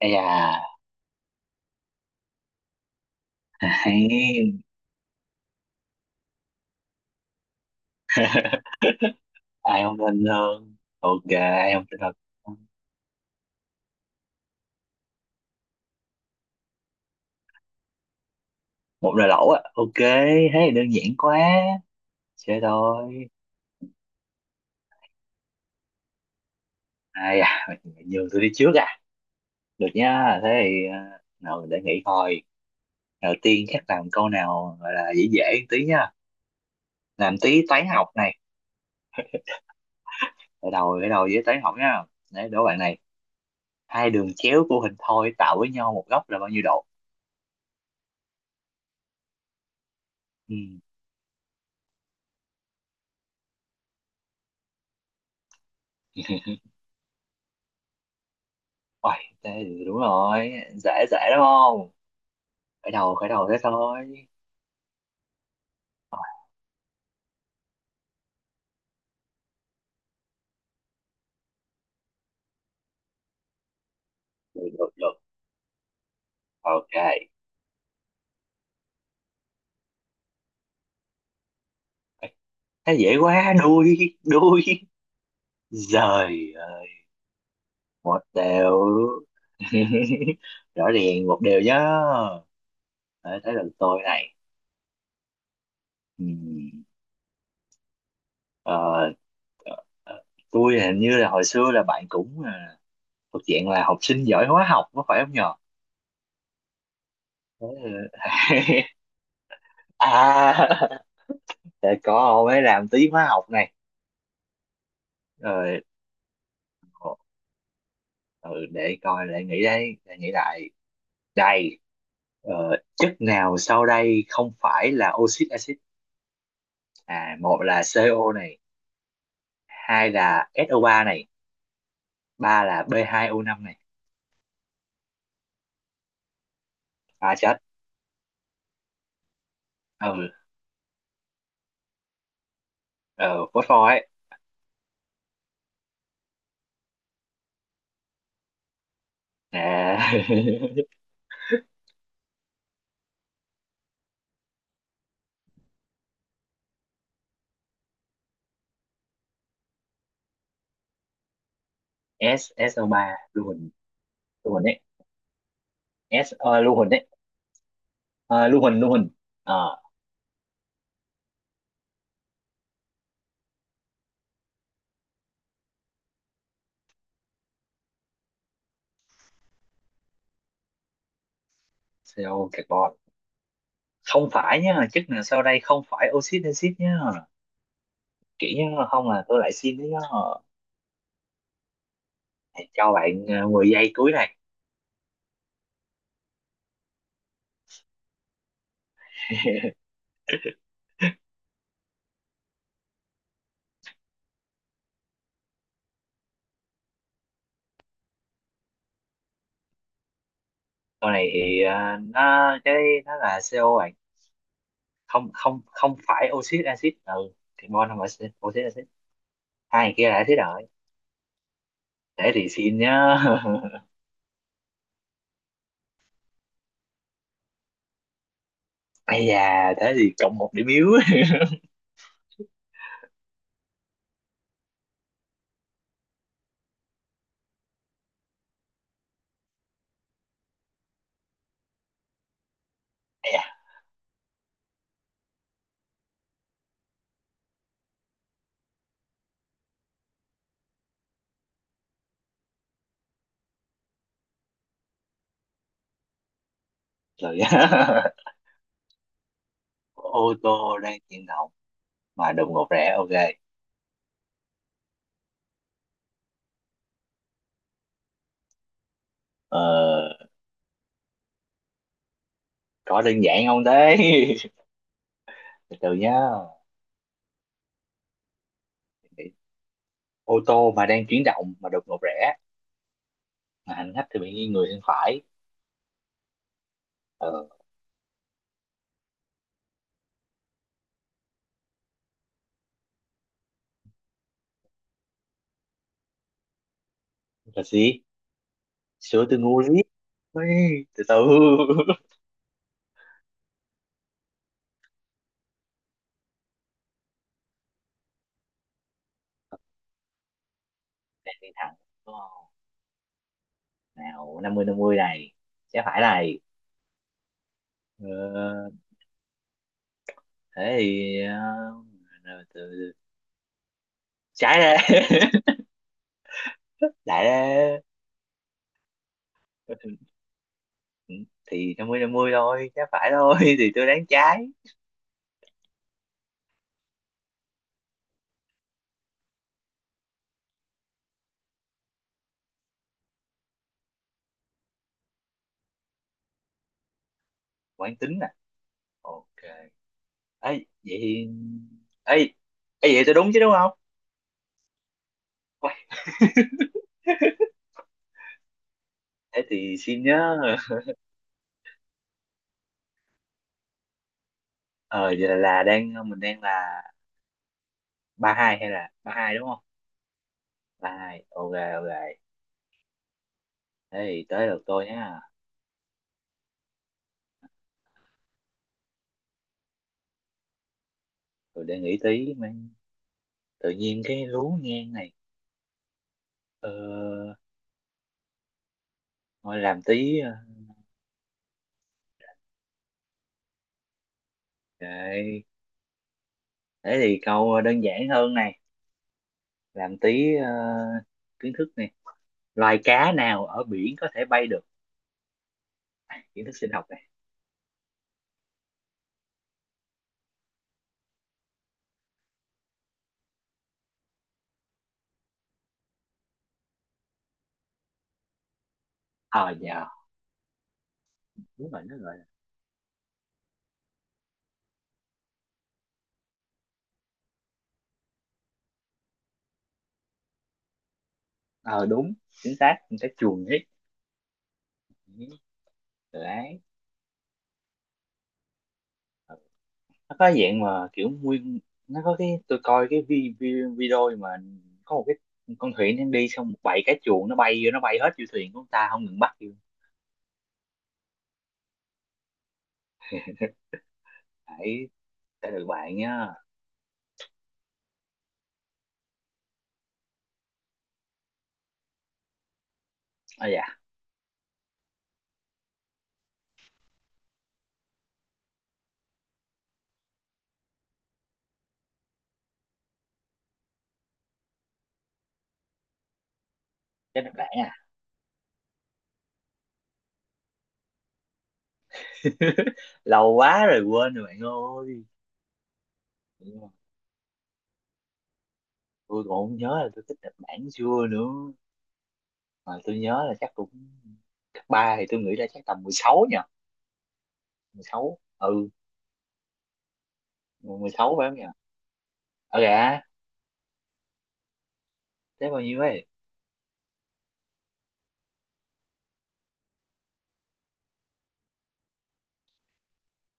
Ây da, Hay. Ai không tin hơn, ok, ai không tin hơn một lời lẩu á. Ok, thế thì đơn giản quá, chơi thôi. Ai à? Mày nhường tôi đi trước à? Được nha, thế thì nào để nghĩ coi. Đầu tiên chắc làm câu nào gọi là dễ dễ một tí nha, làm tí toán học này. Ở đầu với toán học nha. Đấy, đố bạn này, hai đường chéo của hình thoi tạo với nhau một góc là bao nhiêu độ? Ừ. Uầy, thế thì đúng rồi, dễ dễ đúng không, khởi đầu khởi đầu thế thôi. Rồi, được được được, ok. Ê, thế dễ quá, đuôi, đuôi. Giời ơi, một đều. Rõ ràng một điều nhá. Đấy, tới lần tôi này. Ừm, ờ, ờ, ờ, tôi hình như là hồi xưa là bạn cũng thuộc diện là học sinh giỏi hóa học có phải không nhờ? Thế là- À, để có mới làm tí hóa học này. Rồi, ừ, để coi lại nghĩ đây, để nghĩ lại. Đây, chất nào sau đây không phải là oxit axit? À, một là CO này, hai là so ba này, ba là b hai o năm này. À chết. Ừ, ờ, Phosphor ấy. À, S, so ba, lưu huỳnh, lưu huỳnh ấy. S, lưu huỳnh ấy. Ờ, lưu huỳnh, lưu huỳnh. Ờ, CO carbon. Không phải nhá, chất nào sau đây không phải oxit axit nhá. Kỹ nhá, không là tôi lại xin đấy nhá. Cho bạn 10 giây cuối này. Con này thì nó cái nó là CO bạn, không không không phải oxit axit, ừ, carbon không phải oxit oxit axit, hai người kia là axit rồi, thế thì xin nhá. Ây da, thế thì cộng một điểm yếu. Ây da, rồi nhá. Ô tô đang chuyển động mà đụng ngột rẽ, ok. ờ, có đơn giản không thế? Từ từ nhá, ô tô mà đang chuyển động mà đột ngột rẽ mà hành khách thì bị nghiêng người sang phải. Ờ, là gì? Sữa từ ngu lý. Ui, từ từ. Đang đi thẳng đúng không? Nào, năm mươi này, sẽ phải này. ờ, Thế thì rồi từ từ- trái ra. Lại ra. Thì năm mươi thôi, trái phải thôi. Thì tôi đoán trái. Quán tính à? Ok. Ấy vậy thì ấy, ấy vậy tôi đúng chứ, đúng không? Uầy, thế thì xin nhớ. Ờ giờ là đang mình đang là ba hai hay là ba hai đúng không? Ba hai, ok. Ok, thế thì tới lượt tôi nhá. Tôi để nghĩ tí mà. Tự nhiên cái lú ngang này. ờ Thôi, làm tí, để thế thì câu đơn giản hơn này. Làm tí, kiến thức này. Loài cá nào ở biển có thể bay được? Kiến thức sinh học này. Ờ dạ, đúng rồi, nó gọi là ờ đúng chính xác con cá chuồn hết. Đấy, nó có dạng mà kiểu nguyên, nó có cái, tôi coi cái vi, vi, video mà, có một cái con thuyền đang đi, xong một bầy cá chuồn nó bay vô, nó bay hết vô thuyền của người ta không ngừng bắt vô. Phải, sẽ được bạn nhá. Ờ dạ, chắc là bạn à. Lâu quá rồi, quên rồi bạn ơi. Nhưng mà tôi còn không nhớ là tôi thích Nhật Bản xưa nữa, mà tôi nhớ là chắc cũng cấp ba thì tôi nghĩ là chắc tầm 16 nhỉ. 16, ừ, 16 phải không nhỉ? Ờ dạ, thế bao nhiêu ấy?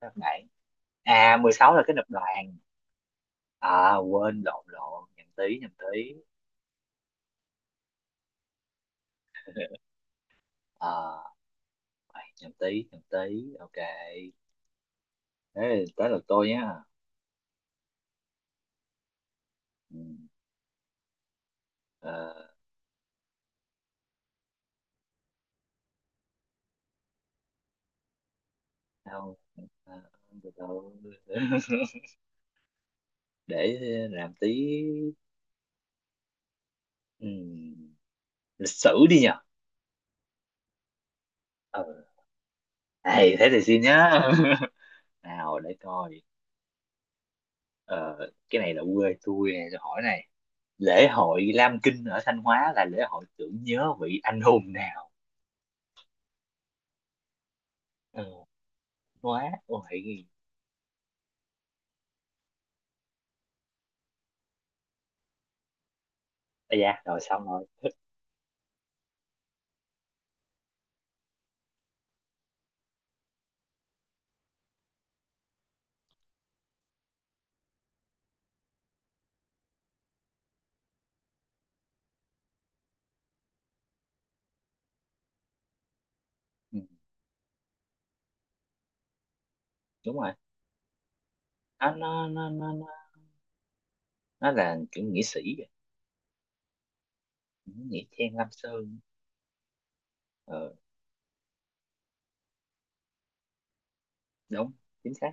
Nhật Bản, à 16 là cái nập đoàn, à quên, lộn lộn, nhầm tí nhầm tí. À, nhầm tí nhầm tí, ok, thế tới lượt tôi nhá. Ừ. ờ, Đâu? Ờ, từ từ. Để làm tí, ừm, lịch sử đi nhờ. Ừ. Ê, thế thì xin nhá. Nào để coi. Ờ, cái này là quê tôi nè, tôi hỏi này, lễ hội Lam Kinh ở Thanh Hóa là lễ hội tưởng nhớ vị anh hùng nào? Ừ. Hóa ôi. À, dạ rồi, xong rồi. Ừ, đúng rồi. Nó Nó là kiểu nghĩa sĩ vậy. Ừ, nghĩa trang Lam Sơn. Ờ đúng chính xác,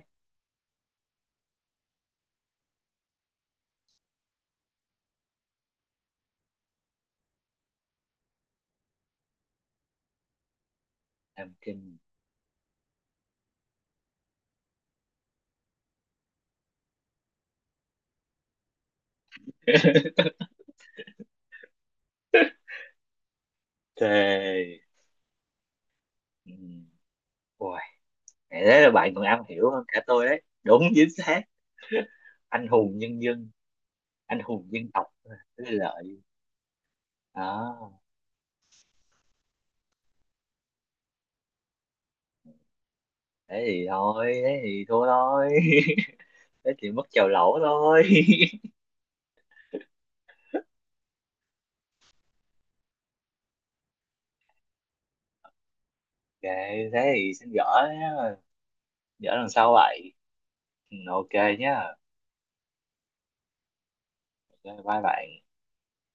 Lam Kinh. Thề. Ừ. Wow. Thế là bạn còn am hiểu hơn cả tôi đấy, đúng chính xác, anh hùng nhân dân, anh hùng dân tộc, Thế Lợi đó. Thế thì thôi, thế thì thua thôi. Thế thì mất chèo lẩu thôi. Ok, thế thì xin gỡ nhá, gỡ lần sau vậy. Ừ, ok nhá. Ok bye bạn.